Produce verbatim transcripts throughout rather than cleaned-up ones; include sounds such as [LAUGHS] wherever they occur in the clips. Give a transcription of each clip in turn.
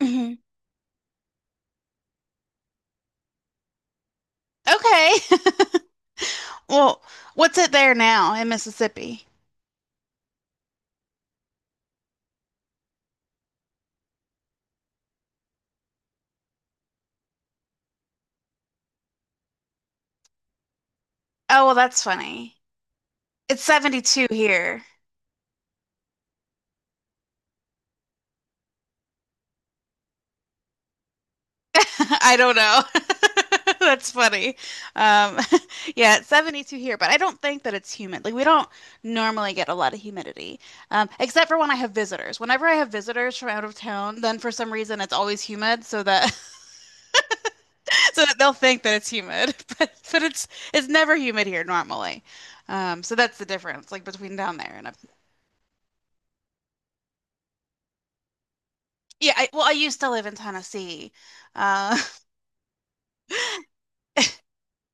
hmm Okay. [LAUGHS] Well, what's it there now in Mississippi? Oh, well, that's funny. It's seventy-two here. [LAUGHS] I don't know. [LAUGHS] That's funny. Um, [LAUGHS] yeah, it's seventy-two here, but I don't think that it's humid. Like, we don't normally get a lot of humidity, um, except for when I have visitors. Whenever I have visitors from out of town, then for some reason it's always humid, so that [LAUGHS] so that they'll think that it's humid. [LAUGHS] But but it's it's never humid here normally. Um, so that's the difference, like between down there and. Yeah, I, well, I used to live in Tennessee. Uh,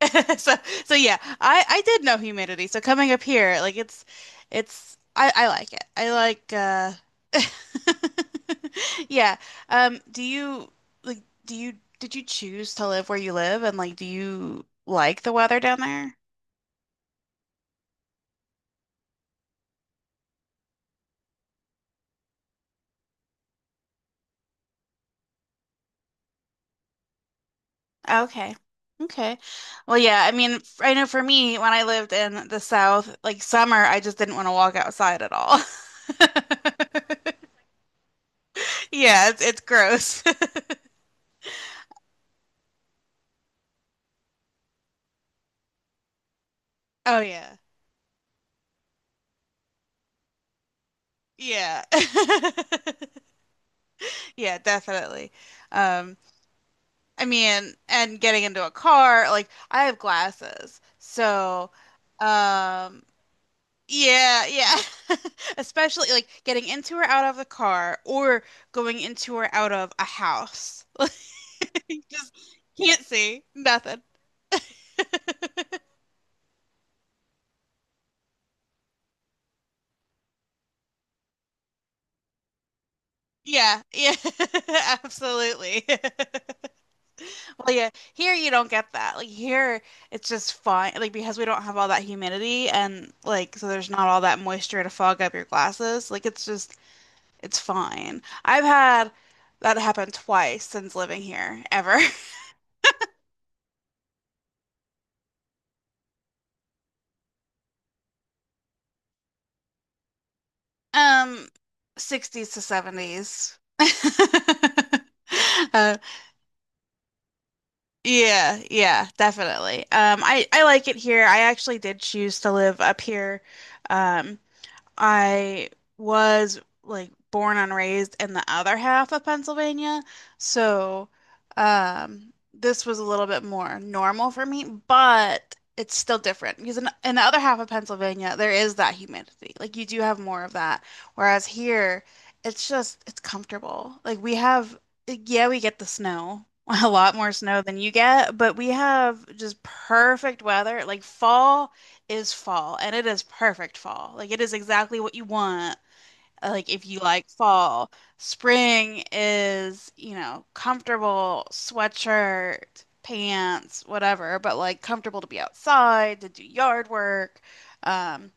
[LAUGHS] so so yeah, I I did know humidity. So coming up here, like it's it's I I like it. I like uh [LAUGHS] Yeah. Um do you like do you did you choose to live where you live and like do you like the weather down there? Okay. Okay. Well, yeah, I mean, f- I know for me, when I lived in the South, like summer, I just didn't want to walk outside at all. [LAUGHS] Yeah, it's it's gross. [LAUGHS] Oh yeah. Yeah. [LAUGHS] Yeah, definitely. Um, I mean, and getting into a car, like I have glasses. So, um, yeah, yeah. [LAUGHS] Especially like getting into or out of the car or going into or out of a house. [LAUGHS] Like you just can't see nothing. Yeah, yeah. [LAUGHS] Absolutely. [LAUGHS] Well, yeah, here you don't get that. Like here, it's just fine. Like because we don't have all that humidity and like so there's not all that moisture to fog up your glasses. Like it's just it's fine. I've had that happen twice since living here ever. [LAUGHS] Um, sixties to seventies. [LAUGHS] Uh, yeah, yeah, definitely. Um, I I like it here. I actually did choose to live up here, um, I was like born and raised in the other half of Pennsylvania, so um, this was a little bit more normal for me, but it's still different because in, in the other half of Pennsylvania, there is that humidity. Like you do have more of that, whereas here, it's just it's comfortable. Like we have, yeah, we get the snow. [LAUGHS] A lot more snow than you get, but we have just perfect weather. Like fall is fall and it is perfect fall. Like it is exactly what you want. uh, Like if you like fall, spring is, you know, comfortable sweatshirt, pants, whatever, but like comfortable to be outside, to do yard work. Um,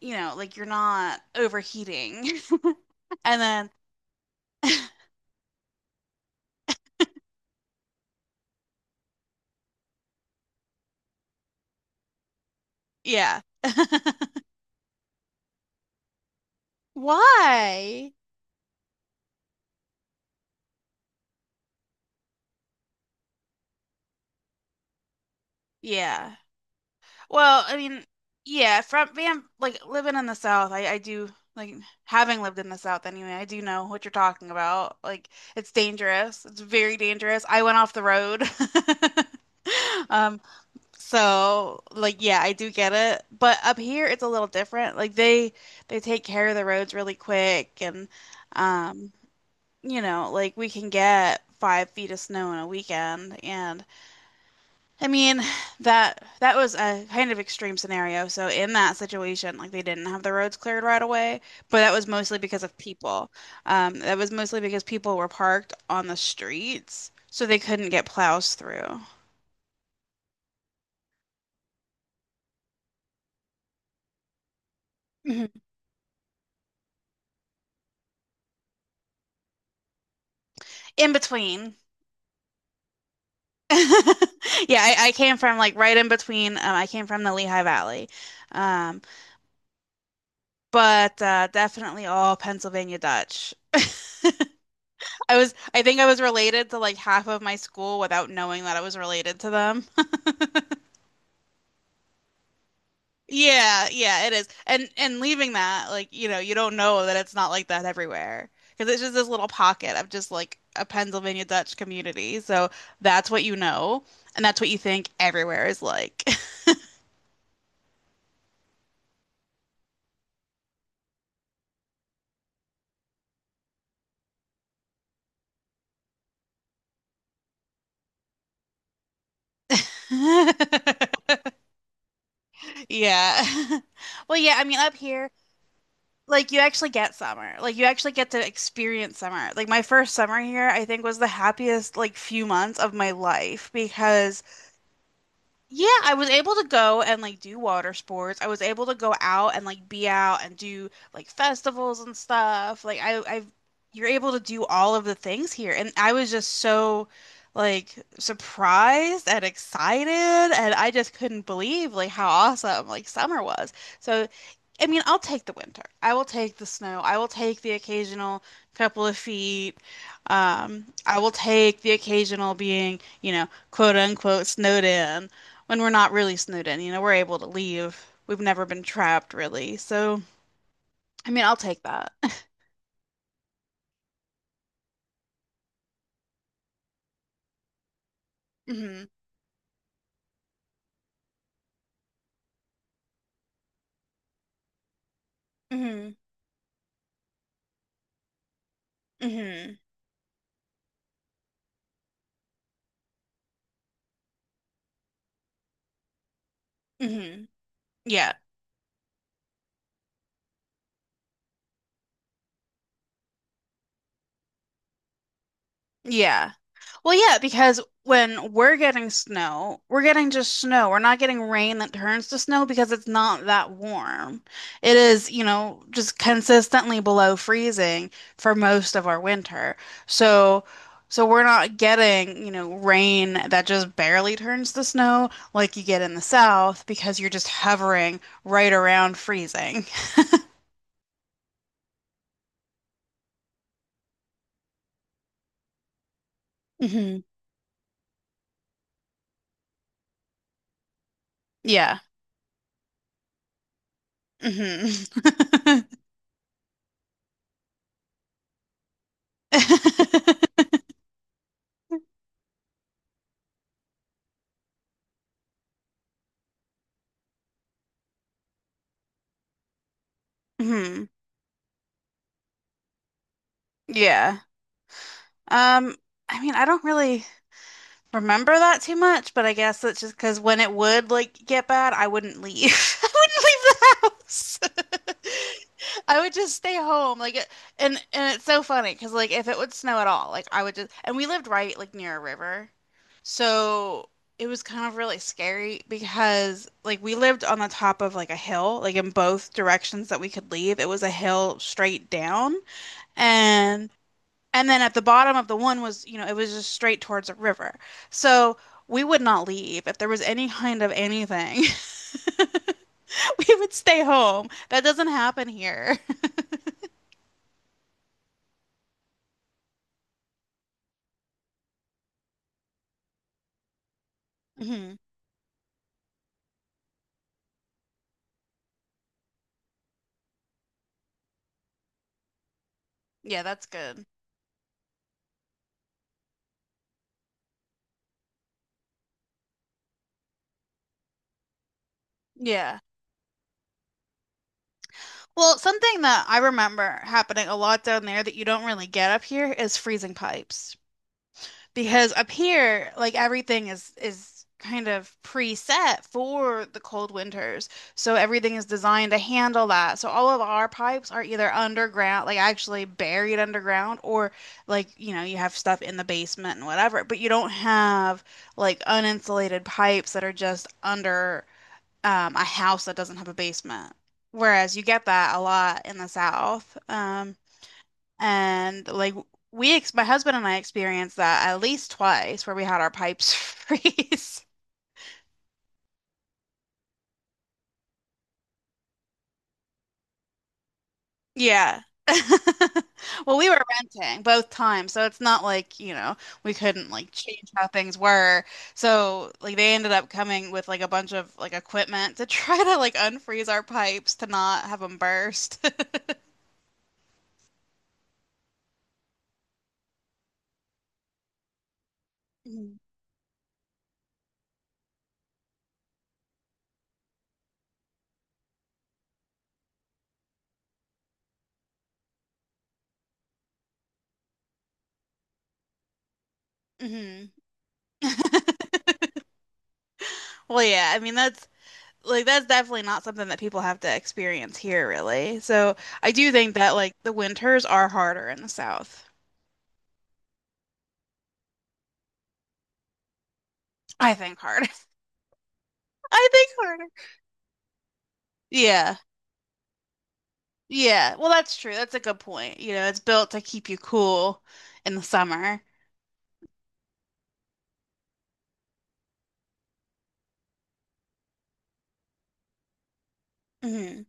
you know, like you're not overheating. [LAUGHS] And then [LAUGHS] yeah. [LAUGHS] Why? Yeah. Well, I mean, yeah, from being like living in the South, I, I do like having lived in the South anyway, I do know what you're talking about. Like it's dangerous. It's very dangerous. I went off the road. [LAUGHS] Um, so like yeah, I do get it. But up here it's a little different. Like they they take care of the roads really quick and um, you know, like we can get five feet of snow in a weekend and I mean, that that was a kind of extreme scenario. So in that situation, like they didn't have the roads cleared right away, but that was mostly because of people. Um, that was mostly because people were parked on the streets, so they couldn't get plows through. Mhm. In between. [LAUGHS] Yeah, I, I came from like right in between. Um, I came from the Lehigh Valley. Um, but uh, definitely all Pennsylvania Dutch. I was I think I was related to like half of my school without knowing that I was related to them. Yeah, yeah, it is. And and leaving that, like, you know, you don't know that it's not like that everywhere. Because it's just this little pocket of just like a Pennsylvania Dutch community. So that's what you know, and that's what you think everywhere is like. [LAUGHS] Yeah. [LAUGHS] Well, yeah, I mean up here, like you actually get summer. Like you actually get to experience summer. Like my first summer here, I think was the happiest like few months of my life because Yeah, I was able to go and like do water sports. I was able to go out and like be out and do like festivals and stuff. Like I I've you're able to do all of the things here. And I was just so like surprised and excited and I just couldn't believe like how awesome like summer was. So I mean, I'll take the winter. I will take the snow. I will take the occasional couple of feet. Um, I will take the occasional being, you know, quote unquote snowed in when we're not really snowed in. You know, we're able to leave. We've never been trapped really. So, I mean, I'll take that. [LAUGHS] hmm hmm hmm hmm Yeah. Yeah. Well, yeah, because when we're getting snow, we're getting just snow. We're not getting rain that turns to snow because it's not that warm. It is, you know, just consistently below freezing for most of our winter. So, so we're not getting, you know, rain that just barely turns to snow like you get in the south because you're just hovering right around freezing. hmm Yeah. hmm [LAUGHS] [LAUGHS] hmm Yeah. Um, I mean, I don't really remember that too much, but I guess that's just because when it would like get bad, I wouldn't leave. [LAUGHS] I wouldn't leave the house. [LAUGHS] I would just stay home. Like, it- and and it's so funny because like if it would snow at all, like I would just and we lived right like near a river, so it was kind of really scary because like we lived on the top of like a hill, like in both directions that we could leave. It was a hill straight down. And and then at the bottom of the one was, you know, it was just straight towards a river. So we would not leave. If there was any kind of anything, [LAUGHS] we would stay home. That doesn't happen here. [LAUGHS] Mhm. Yeah, that's good. Yeah. Well, something that I remember happening a lot down there that you don't really get up here is freezing pipes. Because up here, like everything is is kind of preset for the cold winters. So everything is designed to handle that. So all of our pipes are either underground, like actually buried underground, or like, you know, you have stuff in the basement and whatever, but you don't have like uninsulated pipes that are just under um, a house that doesn't have a basement. Whereas you get that a lot in the South. Um, and like we ex my husband and I experienced that at least twice where we had our pipes [LAUGHS] freeze. Yeah. [LAUGHS] Well, we were renting both times, so it's not like, you know, we couldn't like change how things were. So, like they ended up coming with like a bunch of like equipment to [LAUGHS] try to like unfreeze our pipes to not have them burst. [LAUGHS] Mhm. Mhm. Well, yeah, I mean that's like that's definitely not something that people have to experience here, really. So I do think that like the winters are harder in the South. I think harder. [LAUGHS] I think harder. Yeah. Yeah. Well, that's true. That's a good point. You know, it's built to keep you cool in the summer. hmm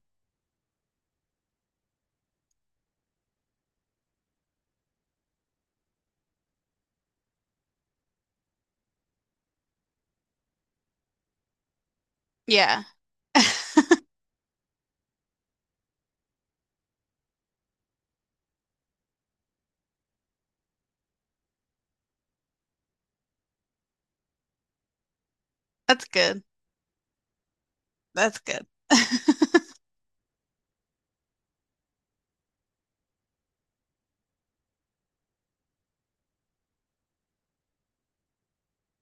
Yeah. [LAUGHS] That's good. That's good. [LAUGHS]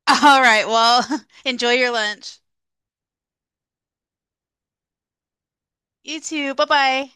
All right. Well, [LAUGHS] enjoy your lunch. You too. Bye-bye.